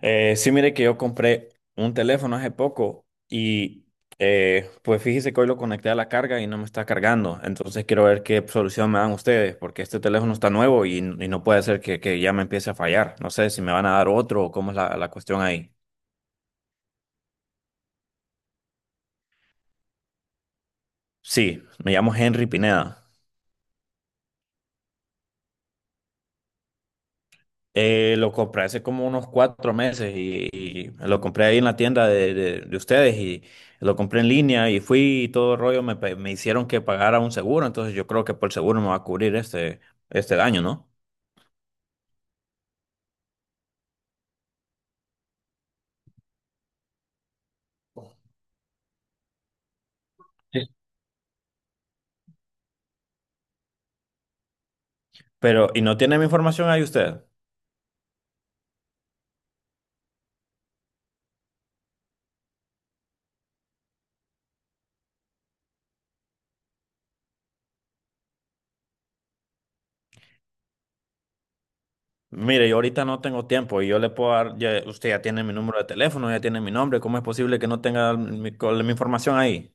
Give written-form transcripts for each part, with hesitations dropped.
Sí, mire que yo compré un teléfono hace poco y pues fíjese que hoy lo conecté a la carga y no me está cargando. Entonces quiero ver qué solución me dan ustedes, porque este teléfono está nuevo y no puede ser que ya me empiece a fallar. No sé si me van a dar otro o cómo es la cuestión ahí. Sí, me llamo Henry Pineda. Lo compré hace como unos 4 meses y lo compré ahí en la tienda de ustedes y lo compré en línea y fui y todo el rollo me hicieron que pagara un seguro, entonces yo creo que por seguro me va a cubrir este, este daño, ¿no? Pero, ¿y no tiene mi información ahí usted? Mire, yo ahorita no tengo tiempo y yo le puedo dar, usted ya tiene mi número de teléfono, ya tiene mi nombre, ¿cómo es posible que no tenga mi información ahí?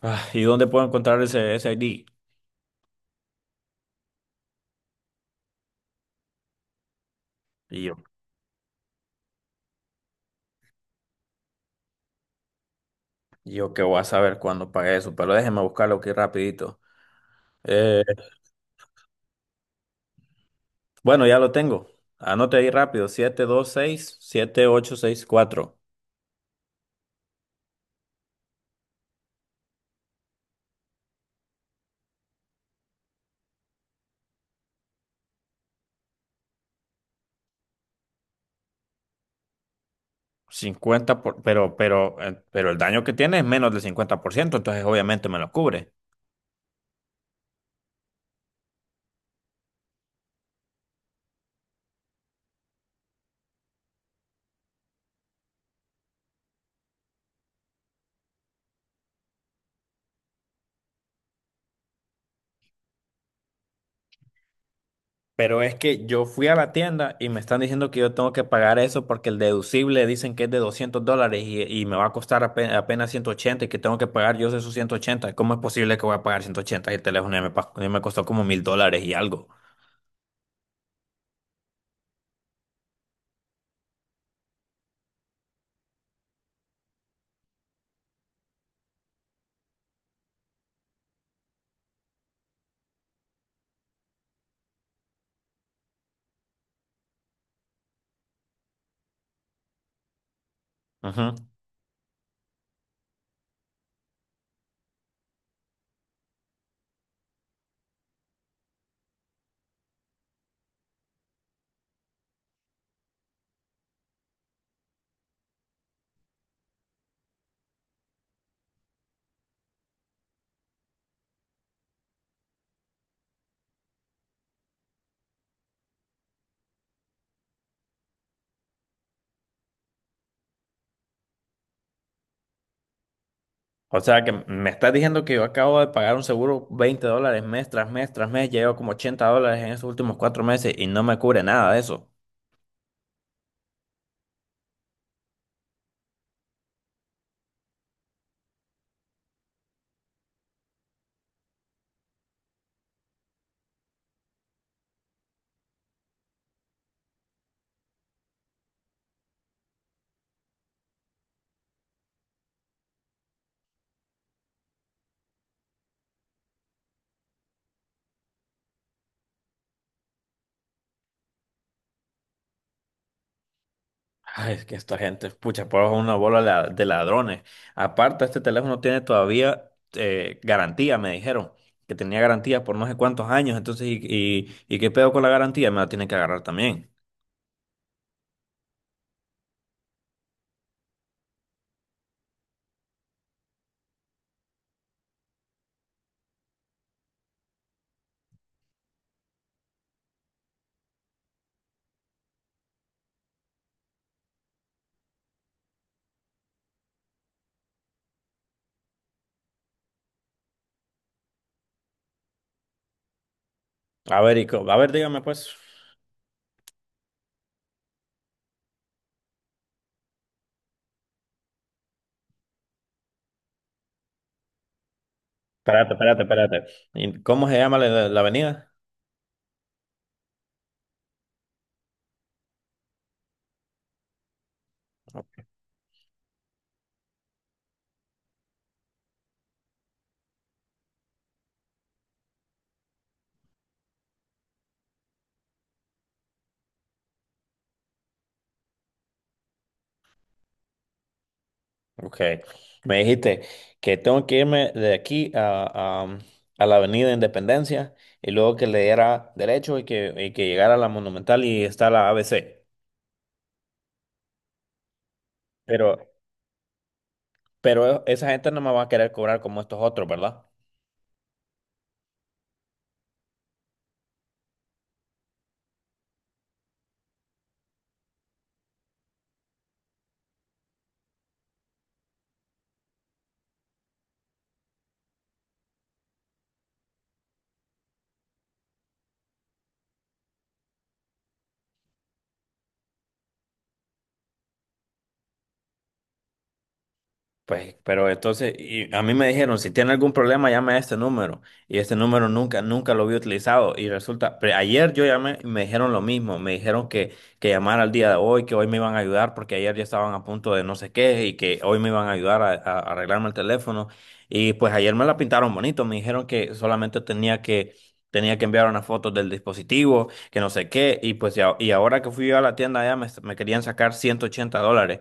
Ah, ¿y dónde puedo encontrar ese ID? Y yo, yo qué voy a saber cuándo pagué eso, pero déjeme buscarlo aquí rapidito. Eh, bueno, ya lo tengo. Anote ahí rápido, 7 2 6 7 8 6 4. Pero, pero el daño que tiene es menos del 50%. Entonces obviamente me lo cubre. Pero es que yo fui a la tienda y me están diciendo que yo tengo que pagar eso porque el deducible dicen que es de $200 y me va a costar apenas, 180 y que tengo que pagar yo esos 180. ¿Cómo es posible que voy a pagar 180 y el teléfono ya ya me costó como $1000 y algo? Ujú. O sea, que me estás diciendo que yo acabo de pagar un seguro 20 dólares mes tras mes tras mes, ya llevo como $80 en esos últimos 4 meses y no me cubre nada de eso. Ay, es que esta gente, pucha, pues es una bola de ladrones. Aparte, este teléfono tiene todavía garantía, me dijeron, que tenía garantía por no sé cuántos años. Entonces, ¿y qué pedo con la garantía? Me la tienen que agarrar también. A ver, a ver, dígame pues. Espérate, espérate, espérate. ¿Y ¿cómo se llama la avenida? Ok, me dijiste que tengo que irme de aquí a la Avenida Independencia y luego que le diera derecho y que llegara a la Monumental y está la ABC. Pero, pero esa gente no me va a querer cobrar como estos otros, ¿verdad? Pues, pero entonces, y a mí me dijeron, si tiene algún problema, llame a este número. Y este número nunca, nunca lo había utilizado. Y resulta, pero ayer yo llamé y me dijeron lo mismo. Me dijeron que llamara al día de hoy, que hoy me iban a ayudar porque ayer ya estaban a punto de no sé qué y que hoy me iban a ayudar a arreglarme el teléfono. Y pues ayer me la pintaron bonito. Me dijeron que solamente tenía que enviar una foto del dispositivo, que no sé qué. Y pues, y ahora que fui yo a la tienda allá, me querían sacar $180.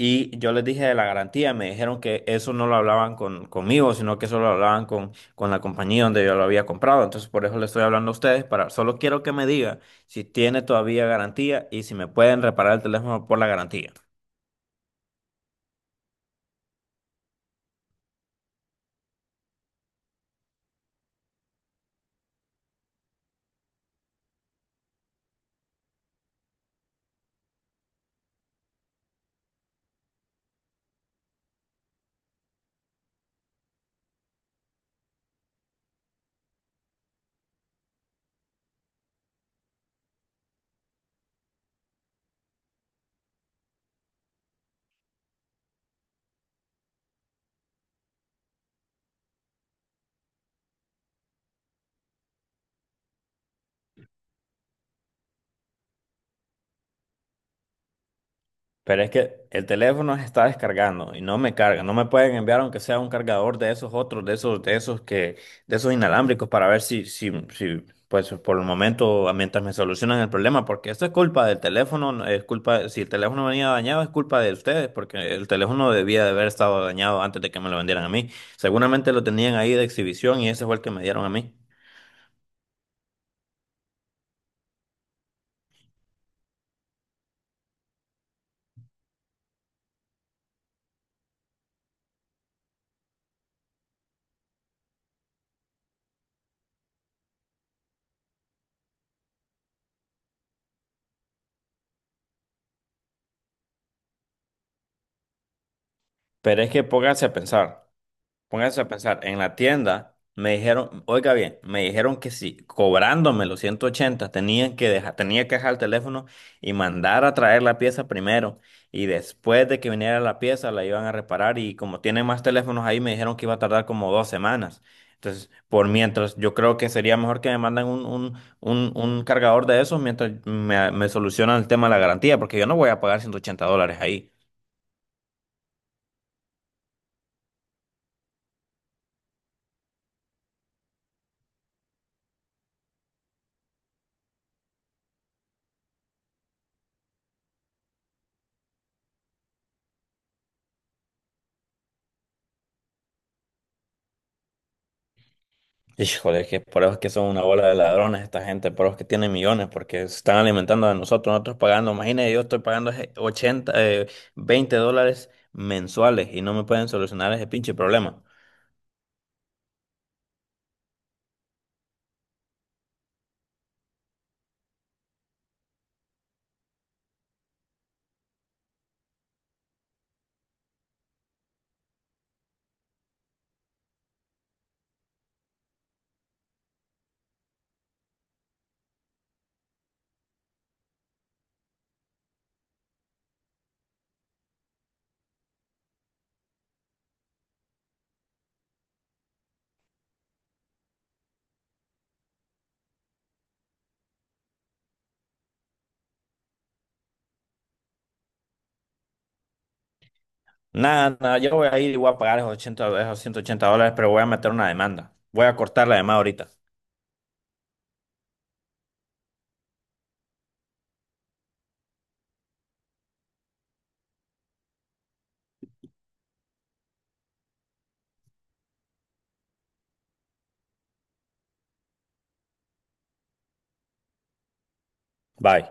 Y yo les dije de la garantía, me dijeron que eso no lo hablaban conmigo, sino que eso lo hablaban con la compañía donde yo lo había comprado. Entonces, por eso le estoy hablando a ustedes, para, solo quiero que me diga si tiene todavía garantía y si me pueden reparar el teléfono por la garantía. Pero es que el teléfono se está descargando y no me carga. No me pueden enviar aunque sea un cargador de esos otros, de esos que, de esos inalámbricos para ver si, pues por el momento, ah, mientras me solucionan el problema, porque esto es culpa del teléfono, no es culpa, si el teléfono venía dañado es culpa de ustedes, porque el teléfono debía de haber estado dañado antes de que me lo vendieran a mí. Seguramente lo tenían ahí de exhibición y ese fue el que me dieron a mí. Pero es que pónganse a pensar. Póngase a pensar, en la tienda me dijeron, oiga bien, me dijeron que si cobrándome los 180 tenían que dejar, tenía que dejar el teléfono y mandar a traer la pieza primero. Y después de que viniera la pieza la iban a reparar y como tienen más teléfonos ahí me dijeron que iba a tardar como 2 semanas. Entonces, por mientras, yo creo que sería mejor que me mandan un cargador de esos mientras me solucionan el tema de la garantía, porque yo no voy a pagar 180 dólares ahí. Híjole, es que por eso es que son una bola de ladrones esta gente, por eso es que tienen millones, porque se están alimentando de nosotros, nosotros pagando, imagínate, yo estoy pagando ese 80, $20 mensuales y no me pueden solucionar ese pinche problema. Nada, nada, yo voy a ir y voy a pagar esos 80, esos $180, pero voy a meter una demanda. Voy a cortar la demanda ahorita. Bye.